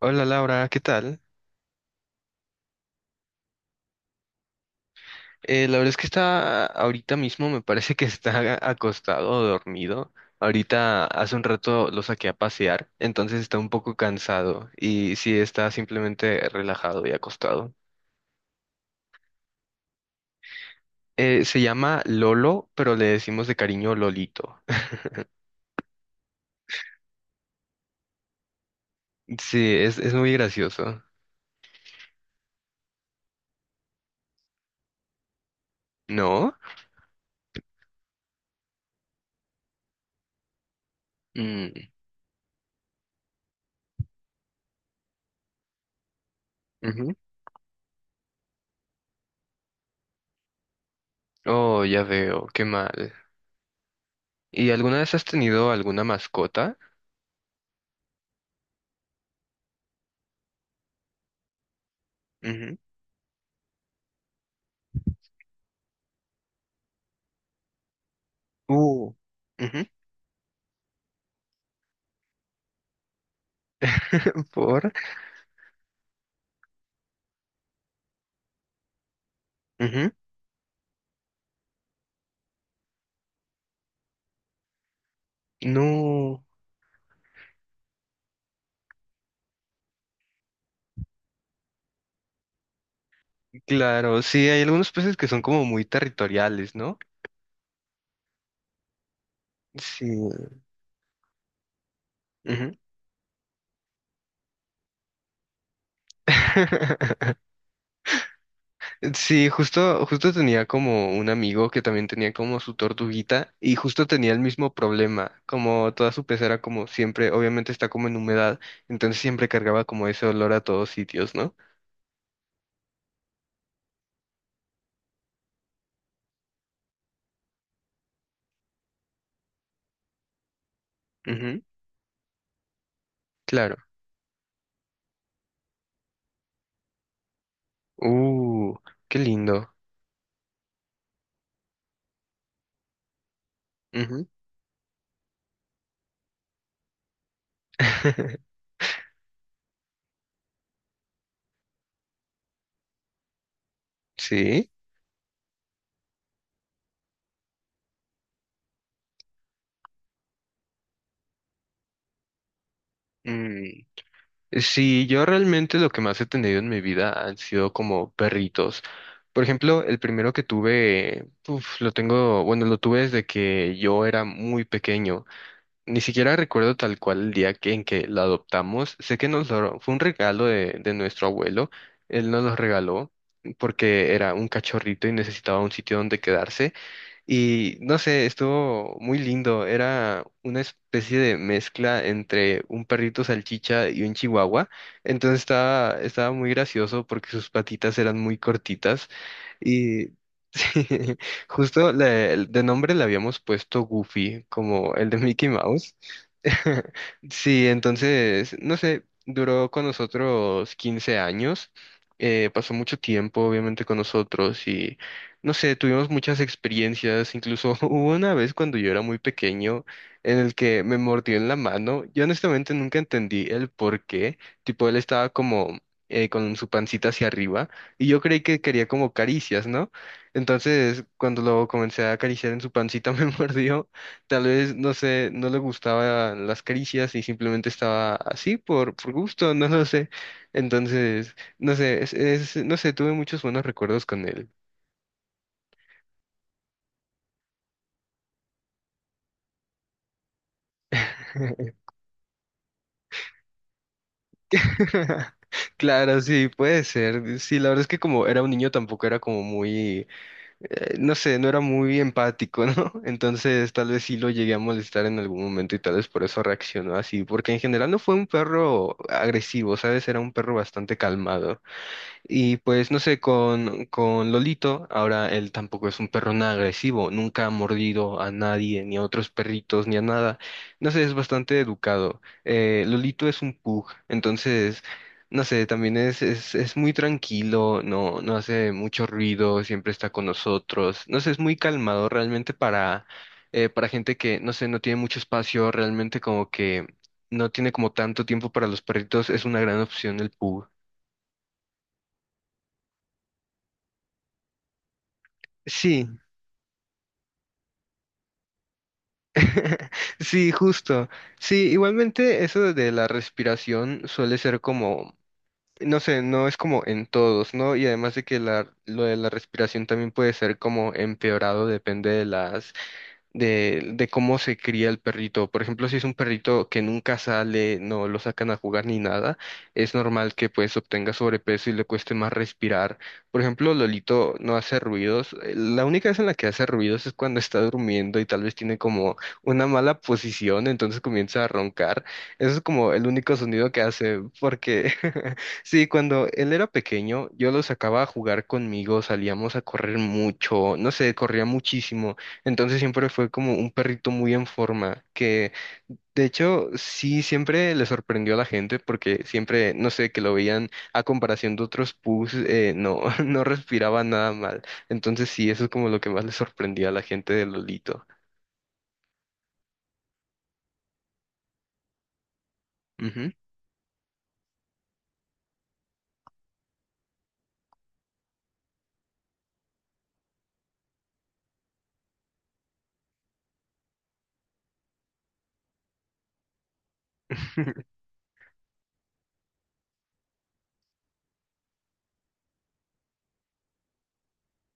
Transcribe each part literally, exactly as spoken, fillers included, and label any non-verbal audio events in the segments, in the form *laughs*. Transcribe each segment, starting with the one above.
Hola Laura, ¿qué tal? Eh, la verdad es que está ahorita mismo, me parece que está acostado o dormido. Ahorita hace un rato lo saqué a pasear, entonces está un poco cansado y sí está simplemente relajado y acostado. Eh, se llama Lolo, pero le decimos de cariño Lolito. *laughs* Sí, es, es muy gracioso. ¿No? Mm, ujú. Oh, ya veo, qué mal. ¿Y alguna vez has tenido alguna mascota? Ujú. Uh, ujú. ¿Por? Ujú. No, claro, sí, hay algunos peces que son como muy territoriales, ¿no? Sí, ujú. *laughs* Sí, justo, justo tenía como un amigo que también tenía como su tortuguita y justo tenía el mismo problema, como toda su pecera como siempre, obviamente está como en humedad, entonces siempre cargaba como ese olor a todos sitios, ¿no? Ujú, claro. Uh, qué lindo. Ujú. *laughs* Sí. Sí, yo realmente lo que más he tenido en mi vida han sido como perritos. Por ejemplo, el primero que tuve, uf, lo tengo, bueno, lo tuve desde que yo era muy pequeño. Ni siquiera recuerdo tal cual el día que, en que lo adoptamos. Sé que nos lo, fue un regalo de, de nuestro abuelo. Él nos lo regaló porque era un cachorrito y necesitaba un sitio donde quedarse. Y no sé, estuvo muy lindo. Era una especie de mezcla entre un perrito salchicha y un chihuahua. Entonces estaba, estaba muy gracioso porque sus patitas eran muy cortitas. Y *laughs* sí, justo le- de nombre le habíamos puesto Goofy, como el de Mickey Mouse. *laughs* Sí, entonces, no sé, duró con nosotros quince años. Eh, pasó mucho tiempo, obviamente, con nosotros. No sé, tuvimos muchas experiencias, incluso *laughs* hubo una vez cuando yo era muy pequeño en el que me mordió en la mano. Yo honestamente nunca entendí el por qué, tipo él estaba como eh, con su pancita hacia arriba y yo creí que quería como caricias, ¿no? Entonces cuando lo comencé a acariciar en su pancita *laughs* me mordió, tal vez, no sé, no le gustaban las caricias y simplemente estaba así por, por gusto, *laughs* no lo sé. Entonces, no sé, es, es- no sé, tuve muchos buenos recuerdos con él. *laughs* *laughs* Claro, sí, puede ser. Sí, la verdad es que como era un niño tampoco era como muy, eh, no sé, no era muy empático, ¿no? *laughs* Entonces tal vez sí lo llegué a molestar en algún momento y tal vez por eso reaccionó así, porque en general no fue un perro agresivo, ¿sabes? Era un perro bastante calmado. Y pues no sé, con, con Lolito, ahora él tampoco es un perro nada agresivo, nunca ha mordido a nadie, ni a otros perritos, ni a nada. No sé, es bastante educado. Eh, Lolito es un pug, entonces, no sé, también es, es, es muy tranquilo, no, no hace mucho ruido, siempre está con nosotros. No sé, es muy calmado realmente para, eh, para gente que, no sé, no tiene mucho espacio, realmente como que no tiene como tanto tiempo para los perritos, es una gran opción el pug. Sí, *laughs* sí, justo. Sí, igualmente eso de la respiración suele ser como, no sé, no es como en todos, ¿no? Y además de que la, lo de la respiración también puede ser como empeorado, depende de las de, de cómo se cría el perrito. Por ejemplo, si es un perrito que nunca sale, no lo sacan a jugar ni nada, es normal que pues obtenga sobrepeso y le cueste más respirar. Por ejemplo, Lolito no hace ruidos. Eh, La única vez en la que hace ruidos es cuando está durmiendo y tal vez tiene como una mala posición, entonces comienza a roncar. Eso es como el único sonido que hace, porque *laughs* sí, cuando él era pequeño, yo lo sacaba a jugar conmigo, salíamos a correr mucho, no sé, corría muchísimo. Entonces siempre fue como un perrito muy en forma, que de hecho sí siempre le sorprendió a la gente porque siempre, no sé, que lo veían a comparación de otros pus, eh, no, *laughs* no respiraba nada mal. Entonces sí, eso es como lo que más le sorprendía a la gente de Lolito. Ujú, *laughs*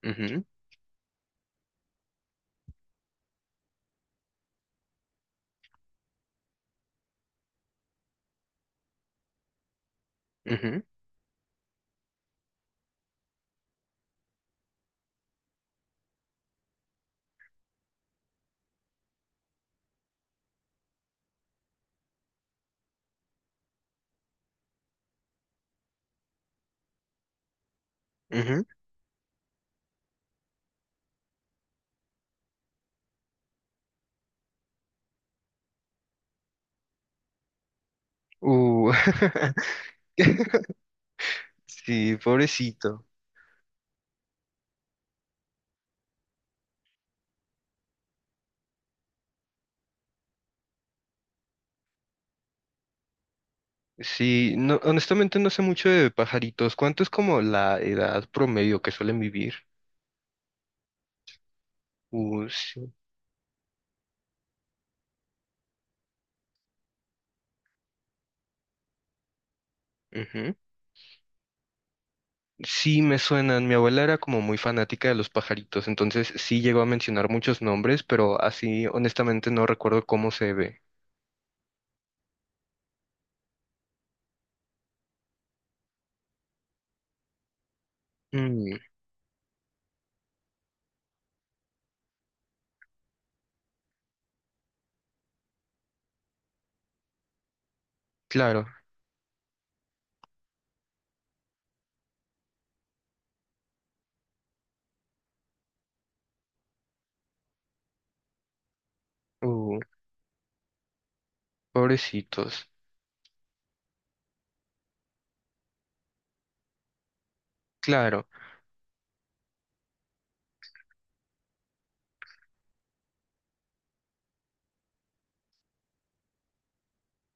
ujú, ujú, ujú. Uh, *laughs* sí, pobrecito. Sí, no, honestamente no sé mucho de pajaritos. ¿Cuánto es como la edad promedio que suelen vivir? Uh, sí. Sí, me suenan. Mi abuela era como muy fanática de los pajaritos, entonces sí llegó a mencionar muchos nombres, pero así honestamente no recuerdo cómo se ve. Mm, claro. Uh, pobrecitos. Claro,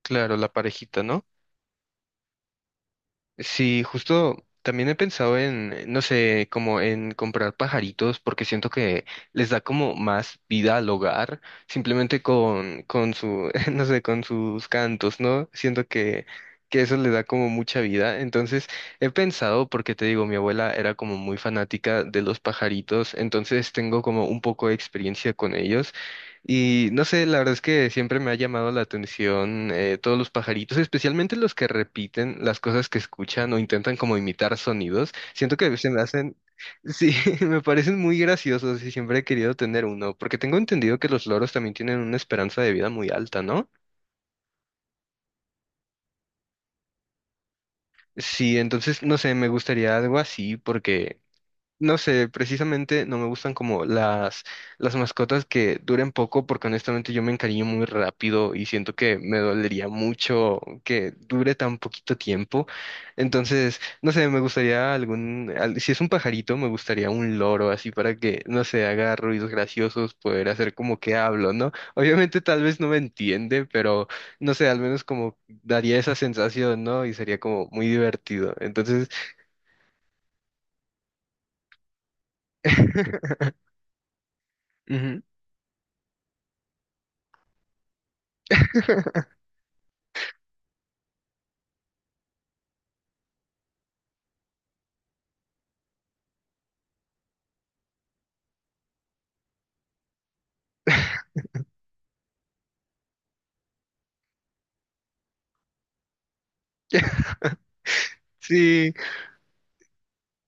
claro, la parejita, ¿no? Sí, justo también he pensado en, eh, no sé, como en comprar pajaritos porque siento que les da como más vida al hogar, simplemente con, con su, *laughs* no sé, con sus cantos, ¿no? Siento que, que eso le da como mucha vida. Entonces, he pensado, porque te digo, mi abuela era como muy fanática de los pajaritos, entonces tengo como un poco de experiencia con ellos y no sé, la verdad es que siempre me ha llamado la atención eh, todos los pajaritos, especialmente los que repiten las cosas que escuchan o intentan como imitar sonidos. Siento que se me hacen, sí, *laughs* me parecen muy graciosos y siempre he querido tener uno, porque tengo entendido que los loros también tienen una esperanza de vida muy alta, ¿no? Sí, entonces, no sé, me gustaría algo así porque no sé, precisamente no me gustan como las, las mascotas que duren poco porque honestamente yo me encariño muy rápido y siento que me dolería mucho que dure tan poquito tiempo. Entonces, no sé, me gustaría algún, al- si es un pajarito, me gustaría un loro así para que, no sé, haga ruidos graciosos, poder hacer como que hablo, ¿no? Obviamente tal vez no me entiende, pero no sé, al menos como daría esa sensación, ¿no? Y sería como muy divertido. Entonces, *laughs* ujú. *laughs* Sí,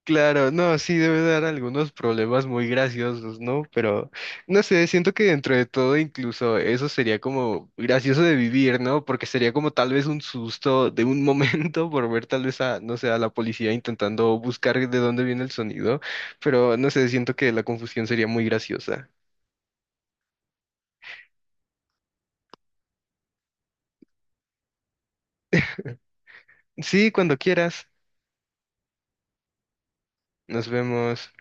claro, no, sí debe dar algunos problemas muy graciosos, ¿no? Pero no sé, siento que dentro de todo incluso eso sería como gracioso de vivir, ¿no? Porque sería como tal vez un susto de un momento *laughs* por ver tal vez a, no sé, a la policía intentando buscar de dónde viene el sonido, pero no sé, siento que la confusión sería muy graciosa. Sí, cuando quieras, nos vemos.